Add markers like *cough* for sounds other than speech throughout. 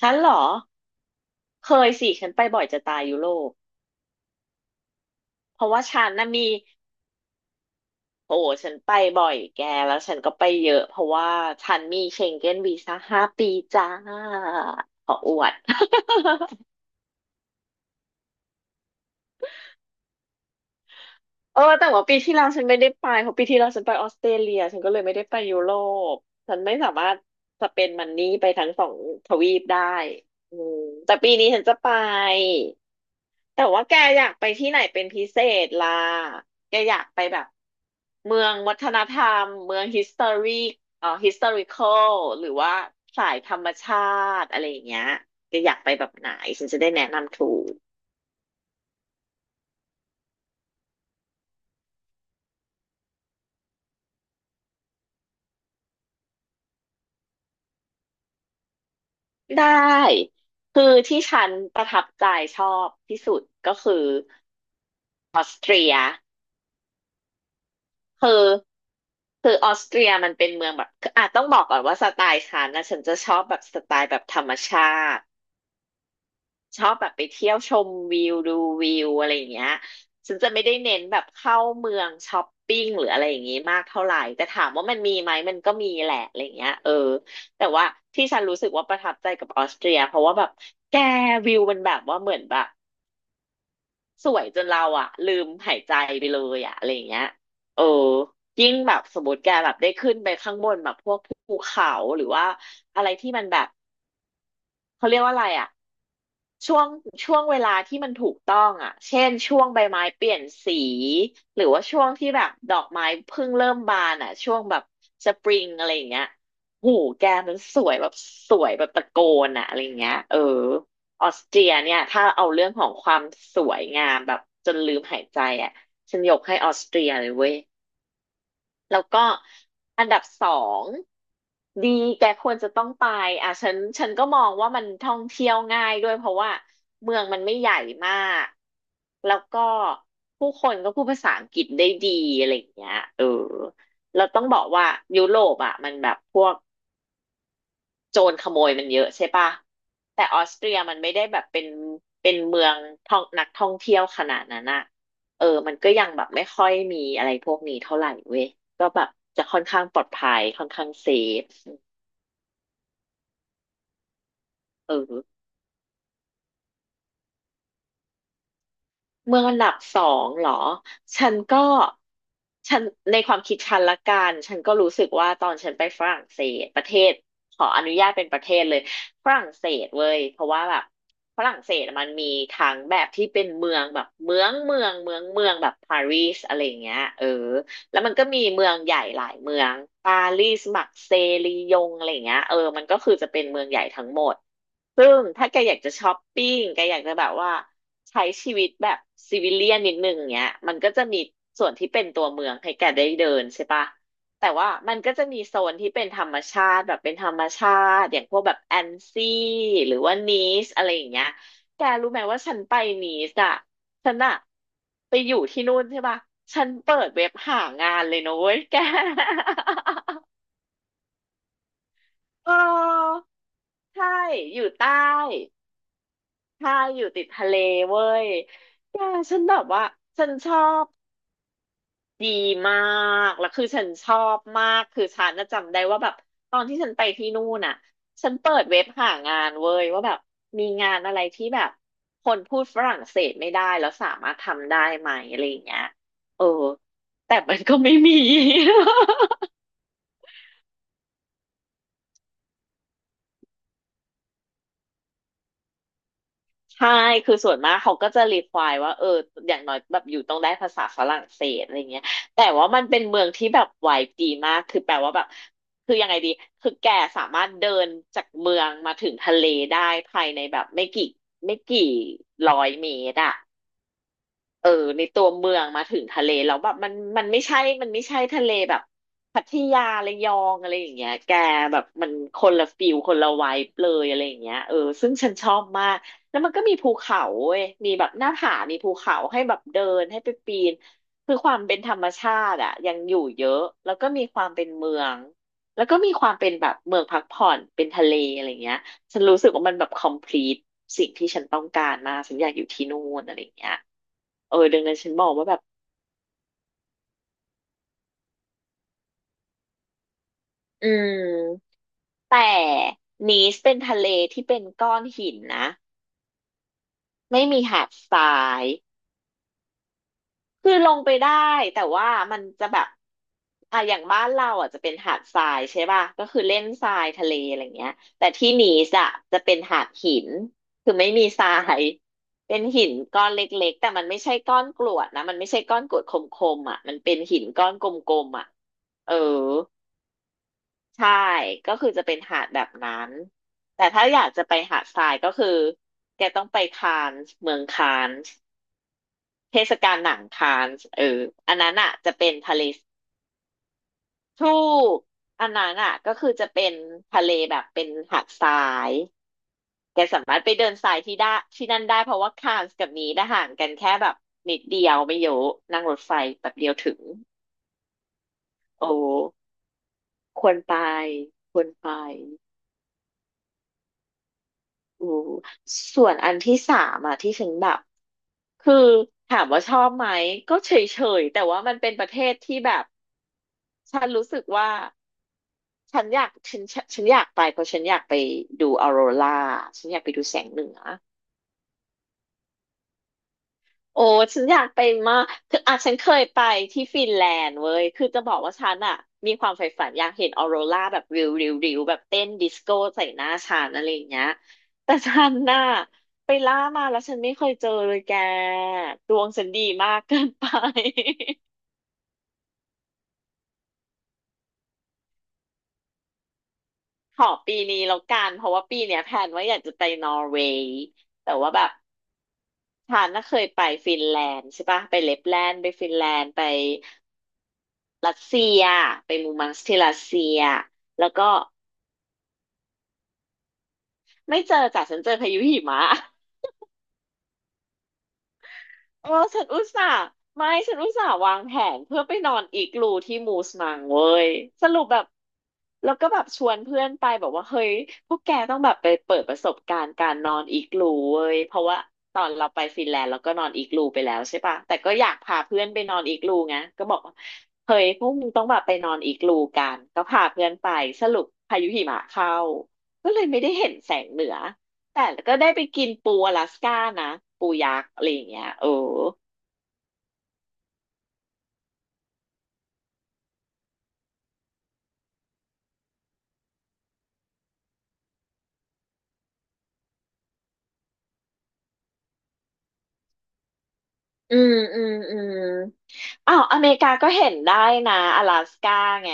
ฉันเหรอเคยสิฉันไปบ่อยจะตายยุโรปเพราะว่าฉันน่ะมีโอ้โหฉันไปบ่อยแกแล้วฉันก็ไปเยอะเพราะว่าฉันมีเชงเก้นวีซ่า5 ปีจ้าขออวด *laughs* เออแต่ว่าปีที่แล้วฉันไม่ได้ไปเพราะปีที่แล้วฉันไปออสเตรเลียฉันก็เลยไม่ได้ไปยุโรปฉันไม่สามารถสเปนมันนี่ไปทั้งสองทวีปได้อืมแต่ปีนี้ฉันจะไป แต่ว่าแกอยากไปที่ไหนเป็นพิเศษล่ะแกอยากไปแบบเมืองวัฒนธรรมเมือง history historical หรือว่าสายธรรมชาติอะไรอย่างเงี้ยแกอยากไปแบบไหนฉันจะได้แนะนำถูกได้คือที่ฉันประทับใจชอบที่สุดก็คือออสเตรียคือคือออสเตรียมันเป็นเมืองแบบคืออาจต้องบอกก่อนว่าสไตล์ฉันนะฉันจะชอบแบบสไตล์แบบธรรมชาติ ชอบแบบไปเที่ยวชมวิวดูวิวอะไรอย่างเงี้ยฉันจะไม่ได้เน้นแบบเข้าเมืองช้อปปิ้งหรืออะไรอย่างงี้มากเท่าไหร่แต่ถามว่ามันมีไหมมันก็มีแหละอะไรอย่างเงี้ยเออแต่ว่าที่ฉันรู้สึกว่าประทับใจกับออสเตรียเพราะว่าแบบแกวิวมันแบบว่าเหมือนแบบสวยจนเราอะลืมหายใจไปเลยอะอะไรอย่างเงี้ยเออยิ่งแบบสมมติแกแบบได้ขึ้นไปข้างบนแบบพวกภูเขาหรือว่าอะไรที่มันแบบเขาเรียกว่าอะไรอะ ช่วงช่วงเวลาที่มันถูกต้องอ่ะเช่นช่วงใบไม้เปลี่ยนสี หรือว่าช่วงที่แบบดอกไม้เพิ่งเริ่มบานอ่ะช่วงแบบสปริงอะไรอย่างเงี้ยหูแกมันสวยแบบสวยแบบตะโกนอ่ะอะไรอย่างเงี้ยเออออสเตรียเนี่ยถ้าเอาเรื่องของความสวยงามแบบจนลืมหายใจอ่ะฉันยกให้ออสเตรียเลยเว้ย แล้วก็อันดับสองดีแกควรจะต้องไปอ่ะฉันก็มองว่ามันท่องเที่ยวง่ายด้วยเพราะว่าเมืองมันไม่ใหญ่มากแล้วก็ผู้คนก็พูดภาษาอังกฤษได้ดีอะไรอย่างเงี้ยเออเราต้องบอกว่ายุโรปอ่ะมันแบบพวก โจรขโมยมันเยอะใช่ปะแต่ออสเตรียมันไม่ได้แบบเป็นเป็นเมืองท่องนักท่องเที่ยวขนาดนั้นอะเออมันก็ยังแบบไม่ค่อยมีอะไรพวกนี้เท่าไหร่เว้ยก็แบบจะค่อนข้างปลอดภัยค่อนข้างเซฟเออ เมืองอันดับสองเหรอ ฉันก็ฉันในความคิดฉันละกัน ฉันก็รู้สึกว่าตอนฉันไปฝรั่งเศสประเทศขออนุญาตเป็นประเทศเลย ฝรั่งเศสเว้ยเพราะว่าแบบฝรั่งเศสมันมีทั้งแบบที่เป็นเมืองแบบเมืองแบบปารีสอะไรอย่างเงี้ยเออ แล้วมันก็มีเมืองใหญ่หลายเมืองปารีสมักเซย์ลียงอะไรอย่างเงี้ยเออมันก็คือจะเป็นเมืองใหญ่ทั้งหมดซึ่งถ้าแกอยากจะช้อปปิ้งแกอยากจะแบบว่าใช้ชีวิตแบบซิวิเลียนนิดนึงเงี้ยมันก็จะมีส่วนที่เป็นตัวเมืองให้แกได้เดินใช่ปะแต่ว่ามันก็จะมีโซนที่เป็นธรรมชาติแบบเป็นธรรมชาติอย่างพวกแบบแอนซี่หรือว่านีสอะไรอย่างเงี้ยแกรู้ไหมว่าฉันไปนีสอะ ฉันอะไปอยู่ที่นู่นใช่ป่ะฉันเปิดเว็บหางานเลยนะเว้ยแก *laughs* เออใช่อยู่ใต้ใช่อยู่ติดทะเลเว้ยแกฉันแบบว่าฉันชอบ ดีมาก แล้วคือฉันชอบมาก คือฉันน่ะจำได้ว่าแบบตอนที่ฉันไปที่นู่นน่ะ ฉันเปิดเว็บหางานเว้ยว่าแบบมีงานอะไรที่แบบคนพูดฝรั่งเศสไม่ได้แล้วสามารถทำได้ไหมอะไรอย่างเงี้ยเออแต่มันก็ไม่มี *laughs* ใช่ คือส่วนมากเขาก็จะรีควายว่าเอออย่างน้อยแบบอยู่ต้องได้ภาษาฝรั่งเศสอะไรเงี้ยแต่ว่ามันเป็นเมืองที่แบบไวบ์ดีมาก คือแปลว่าแบบคือยังไงดี คือแกสามารถเดินจากเมืองมาถึงทะเลได้ภายในแบบไม่กี่ร้อยเมตรอะ เออในตัวเมืองมาถึงทะเลแล้วแบบมันไม่ใช่ทะเลแบบพัทยาระยองอะไรอย่างเงี้ยแกแบบมันคนละฟิลคนละไวบ์เลยอะไรอย่างเงี้ยเออซึ่งฉันชอบมากแล้วมันก็มีภูเขาเว้ยมีแบบหน้าผามีภูเขาให้แบบเดินให้ไปปีนคือความเป็นธรรมชาติอะยังอยู่เยอะแล้วก็มีความเป็นเมืองแล้วก็มีความเป็นแบบเมืองพักผ่อนเป็นทะเลอะไรอย่างเงี้ย ฉันรู้สึกว่ามันแบบ complete สิ่งที่ฉันต้องการมากฉันอยากอยู่ที่นู่นอะไรอย่างเงี้ยเออดังนั้นฉันบอกว่าแบบ อืม แต่นีสเป็นทะเลที่เป็นก้อนหินนะไม่มีหาดทราย คือลงไปได้แต่ว่ามันจะแบบอ่ะอย่างบ้านเราอ่ะจะเป็นหาดทรายใช่ป่ะก็คือเล่นทรายทะเลอะไรเงี้ยแต่ที่นีสอ่ะจะเป็นหาดหินคือไม่มีทรายเป็นหินก้อนเล็กๆแต่มันไม่ใช่ก้อนกรวดนะมันไม่ใช่ก้อนกรวดคมๆอ่ะมันเป็นหินก้อนกลมๆอ่ะเออใช่ก็คือจะเป็นหาดแบบนั้นแต่ถ้าอยากจะไปหาดทรายก็คือแกต้องไปคานส์เมืองคานส์ เทศกาลหนังคานส์เอออันนั้นอ่ะจะเป็นทะเลทูกอันนั้นอ่ะก็คือจะเป็นทะเลแบบเป็นหาดทรายแกสามารถไปเดินทรายที่ได้ที่นั่นได้เพราะว่าคานส์กับนีดห่างกันแค่แบบนิดเดียวไม่เยอะนั่งรถไฟแบบเดียวถึงโอ้ควรไปควรไปอู้ส่วนอันที่สามอ่ะที่ฉันแบบคือถามว่าชอบไหมก็เฉยๆแต่ว่ามันเป็นประเทศที่แบบฉันรู้สึกว่า ฉันอยากฉันฉันฉันอยากไปเพราะฉันอยากไปดูออโรราฉันอยากไปดูแสงเหนือโอ้ฉันอยากไปมากคืออ่ะฉันเคยไปที่ฟินแลนด์เว้ยคือจะบอกว่าฉันอ่ะมีความใฝ่ฝันอยากเห็นออโรราแบบริวแบบเต้นดิสโก้ใส่หน้าฉันอะไรอย่างเงี้ยแต่ฉันน่ะไปล่ามาแล้วฉันไม่เคยเจอเลยแกดวงฉันดีมากเกินไป *laughs* ขอปีนี้แล้วกันเพราะว่าปีเนี้ยแพลนว่าอยากจะไปนอร์เวย์แต่ว่าแบบ ฉันน่ะเคยไปฟินแลนด์ใช่ปะไปเลปแลนด์ ไปฟินแลนด์ ไปรัสเซีย ไปมูมังสที่รัสเซีย แล้วก็ไม่เจอจ้ะฉันเจอพายุหิมะ เออฉันอุตส่าห์ไม่ฉันอุตส่าห์วางแผนเพื่อไปนอนอีกลูที่มูสมังเว้ยสรุปแบบแล้วก็แบบชวนเพื่อนไปบอกว่าเฮ้ยพวกแกต้องแบบไปเปิดประสบการณ์การนอนอีกลูเว้ยเพราะว่าตอนเราไปฟินแลนด์เราก็นอนอีกลูไปแล้วใช่ปะแต่ก็อยากพาเพื่อนไปนอนอีกลูไงก็บอกว่าเฮ้ยพวกมึงต้องแบบไปนอนอีกลูกันก็พาเพื่อนไปสรุปพายุหิมะเข้าก็เลยไม่ได้เห็นแสงเหนือ แต่ก็ได้ไปกินปูอลาสก้านะปูยักษ์อะไรอย่างเงี้ยโอ้อืมอืมอืมอ้าวอเมริกาก็เห็นได้นะอลาสก้าไง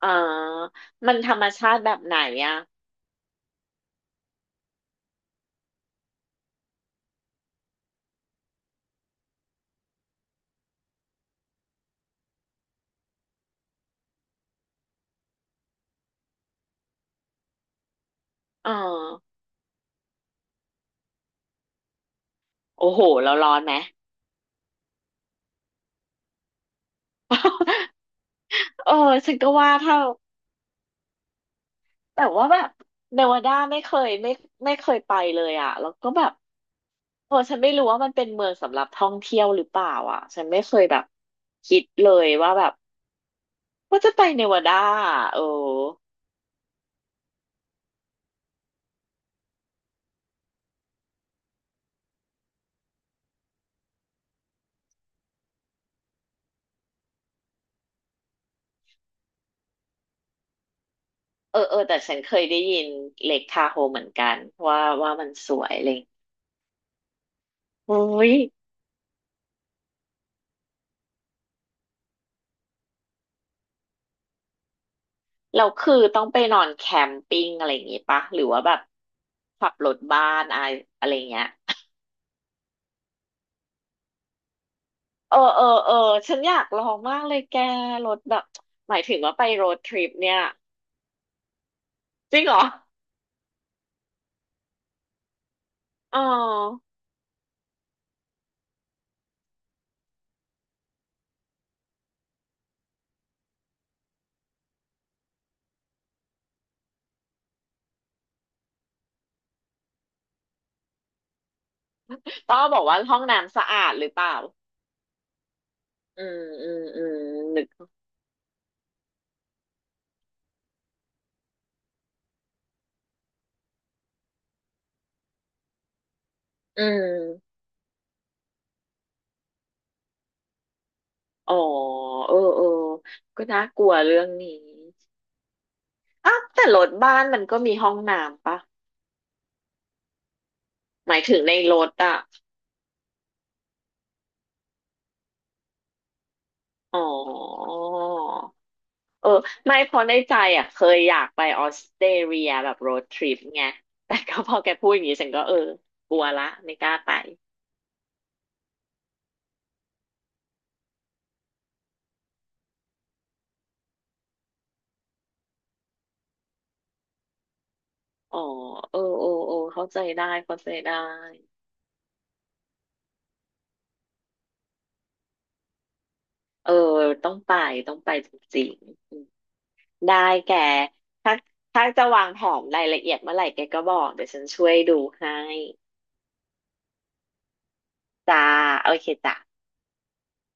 เออมันธรรมชาติแบบไหนอ่ะเออโอ้โหเราร้อนไหมเออฉันก็ว่าถ้าแต่ว่าแบบเนวาดาไม่เคยไปเลยอ่ะแล้วก็แบบโอ้ฉันไม่รู้ว่ามันเป็นเมืองสำหรับท่องเที่ยวหรือเปล่าอ่ะฉันไม่เคยแบบคิดเลยว่าแบบว่าจะไปเนวาดาอะเออ เออเออแต่ฉันเคยได้ยินเล็กทาโฮเหมือนกันว่ามันสวยอะไรอย่างเลยโอ้ยเราคือต้องไปนอนแคมปิ้งอะไรอย่างงี้ปะหรือว่าแบบขับรถบ้านอะไรอะไรเงี้ยเออเออเออฉันอยากลองมากเลยแกรถแบบหมายถึงว่าไปโรดทริปเนี่ยจริงเหรออ๋อต้องบอกว่าห้องน้ำสะอาดหรือเปล่าอืมอืมอืมนึกอืมอ๋อเออเออก็น่ากลัวเรื่องนี้ อ้าวแต่รถบ้านมันก็มีห้องน้ำปะหมายถึงในรถอะอ๋อเออไม่เพราะในใจอะเคยอยากไปออสเตรเลียแบบโรดทริปไงแต่ก็พอแกพูดอย่างนี้ฉันก็เออกลัวละไม่กล้าไปอ๋อเออเออเออเข้าใจได้เข้าใจได้เออต้องไปต้องไปจริงๆอืมได้แกถ้าถ้าจะวางแผนรายละเอียดเมื่อไหร่แกก็บอกเดี๋ยวฉันช่วยดูให้จ้าโอเคจ้ะ